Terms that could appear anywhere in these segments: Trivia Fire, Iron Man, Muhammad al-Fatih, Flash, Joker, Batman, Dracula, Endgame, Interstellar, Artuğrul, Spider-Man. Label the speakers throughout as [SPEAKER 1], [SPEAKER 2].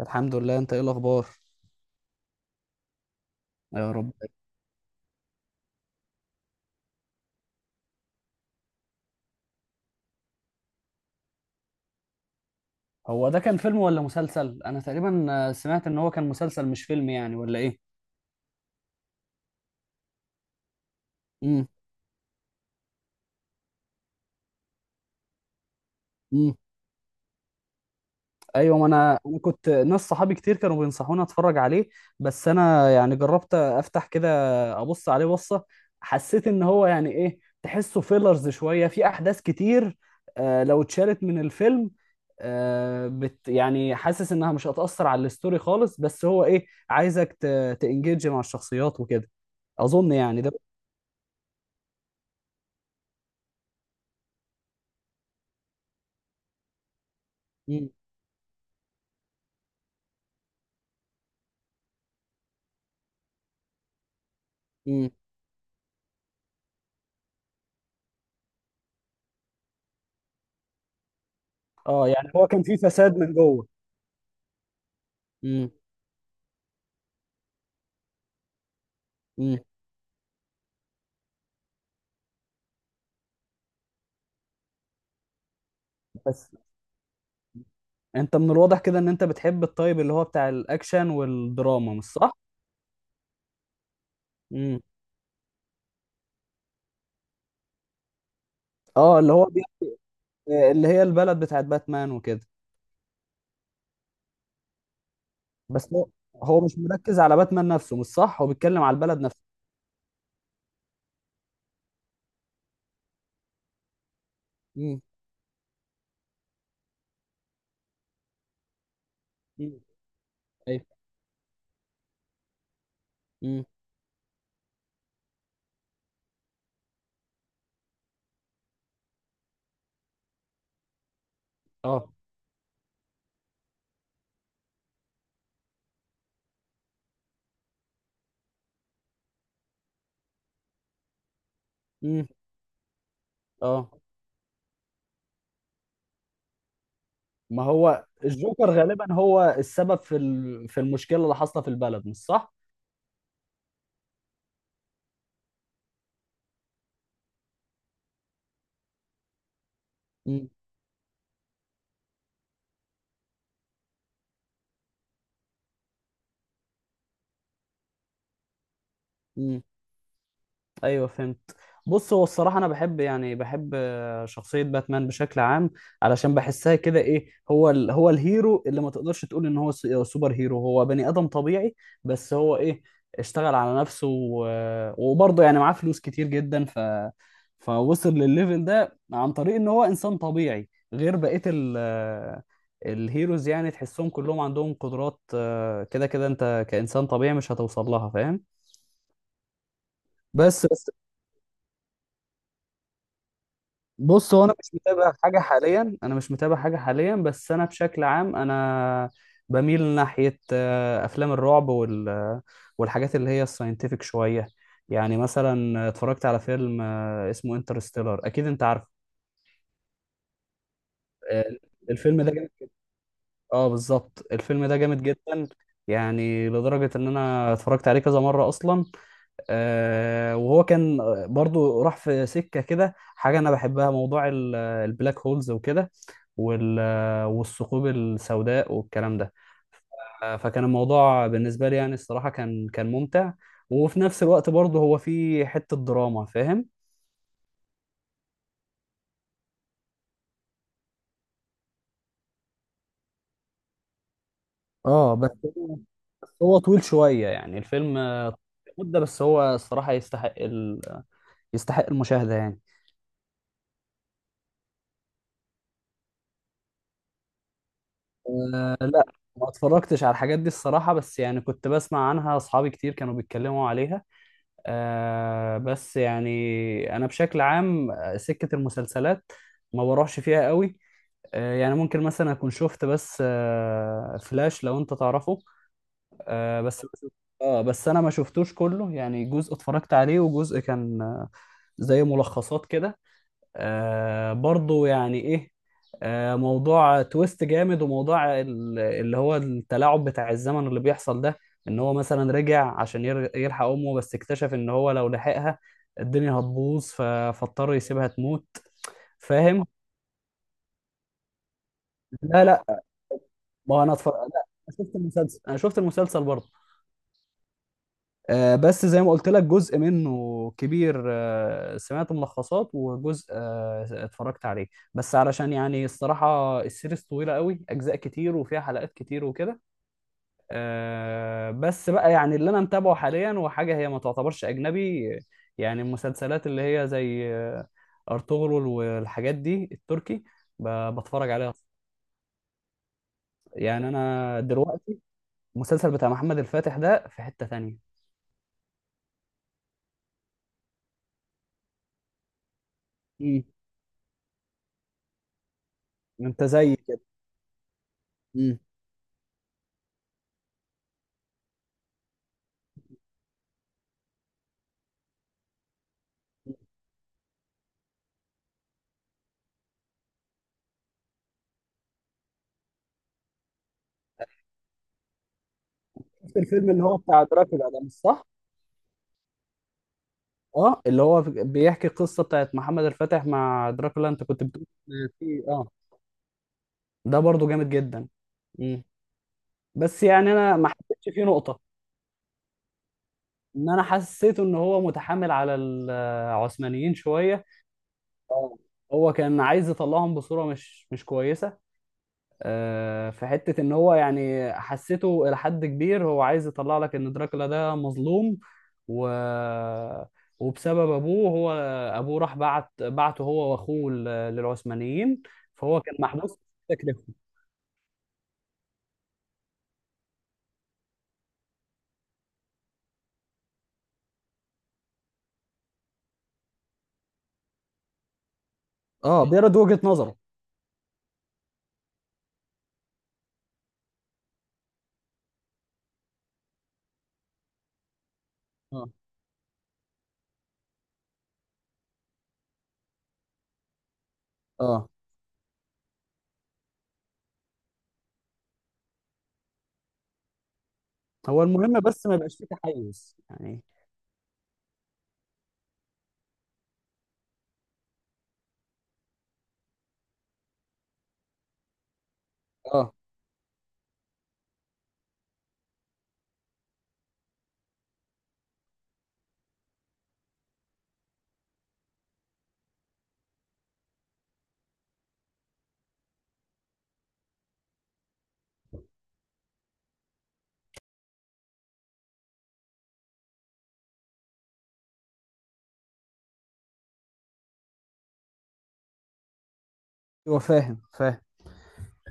[SPEAKER 1] الحمد لله، انت ايه الاخبار؟ يا رب. هو ده كان فيلم ولا مسلسل؟ انا تقريبا سمعت ان هو كان مسلسل مش فيلم، يعني، ولا ايه؟ امم امم ايوه، ما انا كنت، ناس صحابي كتير كانوا بينصحوني اتفرج عليه. بس انا يعني جربت افتح كده، ابص عليه بصه، حسيت ان هو، يعني، ايه، تحسه فيلرز شويه، في احداث كتير. لو اتشالت من الفيلم، بت، يعني، حاسس انها مش هتأثر على الستوري خالص، بس هو ايه، عايزك تانجيج مع الشخصيات وكده. اظن يعني ده. مم. مم. اه، يعني هو كان في فساد من جوه. مم. مم. بس انت من الواضح كده ان انت بتحب الطيب، اللي هو بتاع الاكشن والدراما، مش صح؟ مم. اه، اللي هو بي. اللي هي البلد بتاعت باتمان وكده. بس هو مش مركز على باتمان نفسه، مش صح؟ هو بيتكلم على البلد نفسها. مم. مم. ايوه. مم. اه. مم. اه. ما هو الجوكر غالبا هو السبب في في المشكله اللي حاصله في البلد، مش صح؟ مم. ايوه، فهمت. بص، هو الصراحه انا بحب، يعني بحب شخصيه باتمان بشكل عام. علشان بحسها كده، ايه، هو هو الهيرو اللي ما تقدرش تقول ان هو سوبر هيرو، هو بني ادم طبيعي. بس هو ايه، اشتغل على نفسه وبرضه يعني معاه فلوس كتير جدا، فوصل للليفل ده عن طريق ان هو انسان طبيعي غير بقيه ال... آه، الهيروز، يعني تحسهم كلهم عندهم قدرات كده كده، انت كانسان طبيعي مش هتوصل لها. فاهم؟ بس بص، هو انا مش متابع حاجه حاليا، انا مش متابع حاجه حاليا، بس انا بشكل عام انا بميل ناحيه افلام الرعب، والحاجات اللي هي الساينتفك شويه. يعني مثلا اتفرجت على فيلم اسمه انترستيلر. اكيد انت عارف. آه، الفيلم ده جامد. اه بالظبط، الفيلم ده جامد جدا. يعني لدرجه ان انا اتفرجت عليه كذا مره اصلا. وهو كان برضو راح في سكه كده، حاجه انا بحبها، موضوع البلاك هولز وكده، وال والثقوب السوداء والكلام ده. فكان الموضوع بالنسبة لي، يعني الصراحة كان ممتع. وفي نفس الوقت برضه هو فيه حتة دراما، فاهم؟ اه، بس هو، بس هو طويل شوية، يعني الفيلم، مدة، بس هو الصراحة يستحق المشاهدة يعني. لا، ما اتفرجتش على الحاجات دي الصراحة، بس يعني كنت بسمع عنها، أصحابي كتير كانوا بيتكلموا عليها. بس يعني، انا بشكل عام سكة المسلسلات ما بروحش فيها قوي. يعني ممكن مثلا اكون شفت بس فلاش، لو انت تعرفه. بس، اه بس انا ما شفتوش كله، يعني جزء اتفرجت عليه وجزء كان زي ملخصات كده. برضو، يعني ايه، موضوع تويست جامد، وموضوع اللي هو التلاعب بتاع الزمن اللي بيحصل ده، ان هو مثلا رجع عشان يلحق امه، بس اكتشف ان هو لو لحقها الدنيا هتبوظ، فاضطر يسيبها تموت. فاهم. لا، لا، ما هو انا اتفرج، لا أنا شفت المسلسل، انا شفت المسلسل برضه. بس زي ما قلت لك جزء منه كبير، سمعت ملخصات، وجزء اتفرجت عليه. بس علشان يعني الصراحة السيريز طويلة قوي، أجزاء كتير وفيها حلقات كتير وكده. بس بقى يعني اللي أنا متابعه حاليا وحاجة هي ما تعتبرش أجنبي، يعني المسلسلات اللي هي زي أرطغرل والحاجات دي التركي، بتفرج عليها. يعني أنا دلوقتي المسلسل بتاع محمد الفاتح ده في حتة تانية. مم. أنت زي كده. مم. شفت الفيلم اللي هو بتاع دراكولا ده مش صح؟ اه اللي هو بيحكي القصه بتاعت محمد الفاتح مع دراكولا، انت كنت بتقول إن في، اه. ده برضو جامد جدا. مم. بس يعني انا ما حسيتش فيه نقطه، ان انا حسيت ان هو متحامل على العثمانيين شويه. اه، هو كان عايز يطلعهم بصوره مش كويسه. في حتة ان هو يعني حسيته الى حد كبير، هو عايز يطلع لك ان دراكولا ده مظلوم، و... وبسبب ابوه، هو ابوه راح بعته هو واخوه للعثمانيين، فهو كان محبوس في تكلفه. اه، بيرد وجهة نظره. اه، اه. هو المهم بس ما يبقاش فيه تحيز يعني. اه. هو فاهم، فاهم.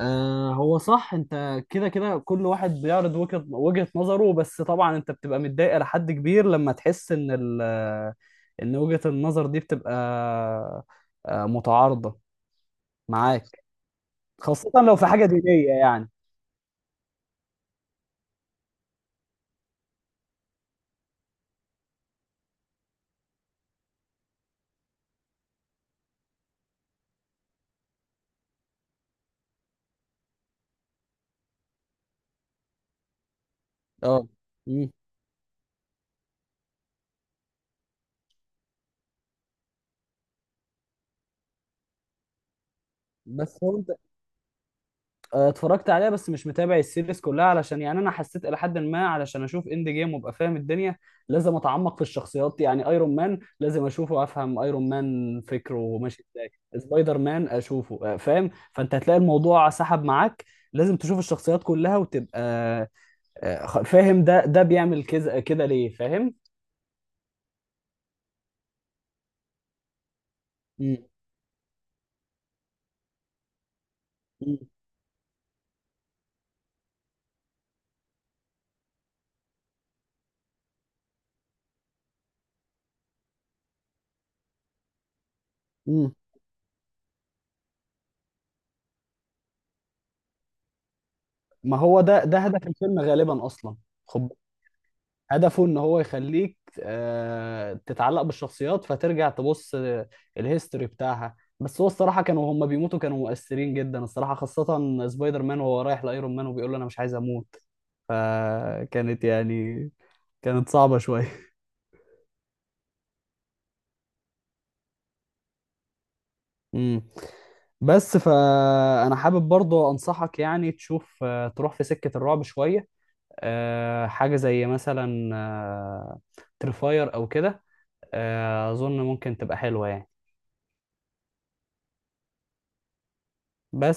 [SPEAKER 1] هو صح، انت كده كده، كل واحد بيعرض وجهة نظره، بس طبعا انت بتبقى متضايق لحد كبير لما تحس ان وجهة النظر دي بتبقى متعارضة معاك. خاصة لو في حاجة دينية يعني. اه. مم. بس هو انت، اتفرجت عليها بس مش متابع السيريز كلها، علشان يعني انا حسيت الى حد ما، علشان اشوف اند جيم وابقى فاهم الدنيا، لازم اتعمق في الشخصيات، يعني ايرون مان لازم اشوفه وافهم ايرون مان فكره ماشي ازاي. سبايدر مان اشوفه فاهم، فانت هتلاقي الموضوع سحب معاك. لازم تشوف الشخصيات كلها وتبقى فاهم، ده بيعمل كذا كده ليه، فاهم؟ مم. مم. مم. ما هو ده هدف الفيلم غالبا اصلا، خد، هدفه ان هو يخليك تتعلق بالشخصيات، فترجع تبص الهيستوري بتاعها. بس هو الصراحه كانوا هم بيموتوا، كانوا مؤثرين جدا الصراحه، خاصه سبايدر مان وهو رايح لايرون مان وبيقول له انا مش عايز اموت. فكانت، يعني، كانت صعبه شويه. امم بس فانا حابب برضو انصحك، يعني تشوف تروح في سكه الرعب شويه، حاجه زي مثلا تريفاير او كده. اظن ممكن تبقى حلوه يعني. بس.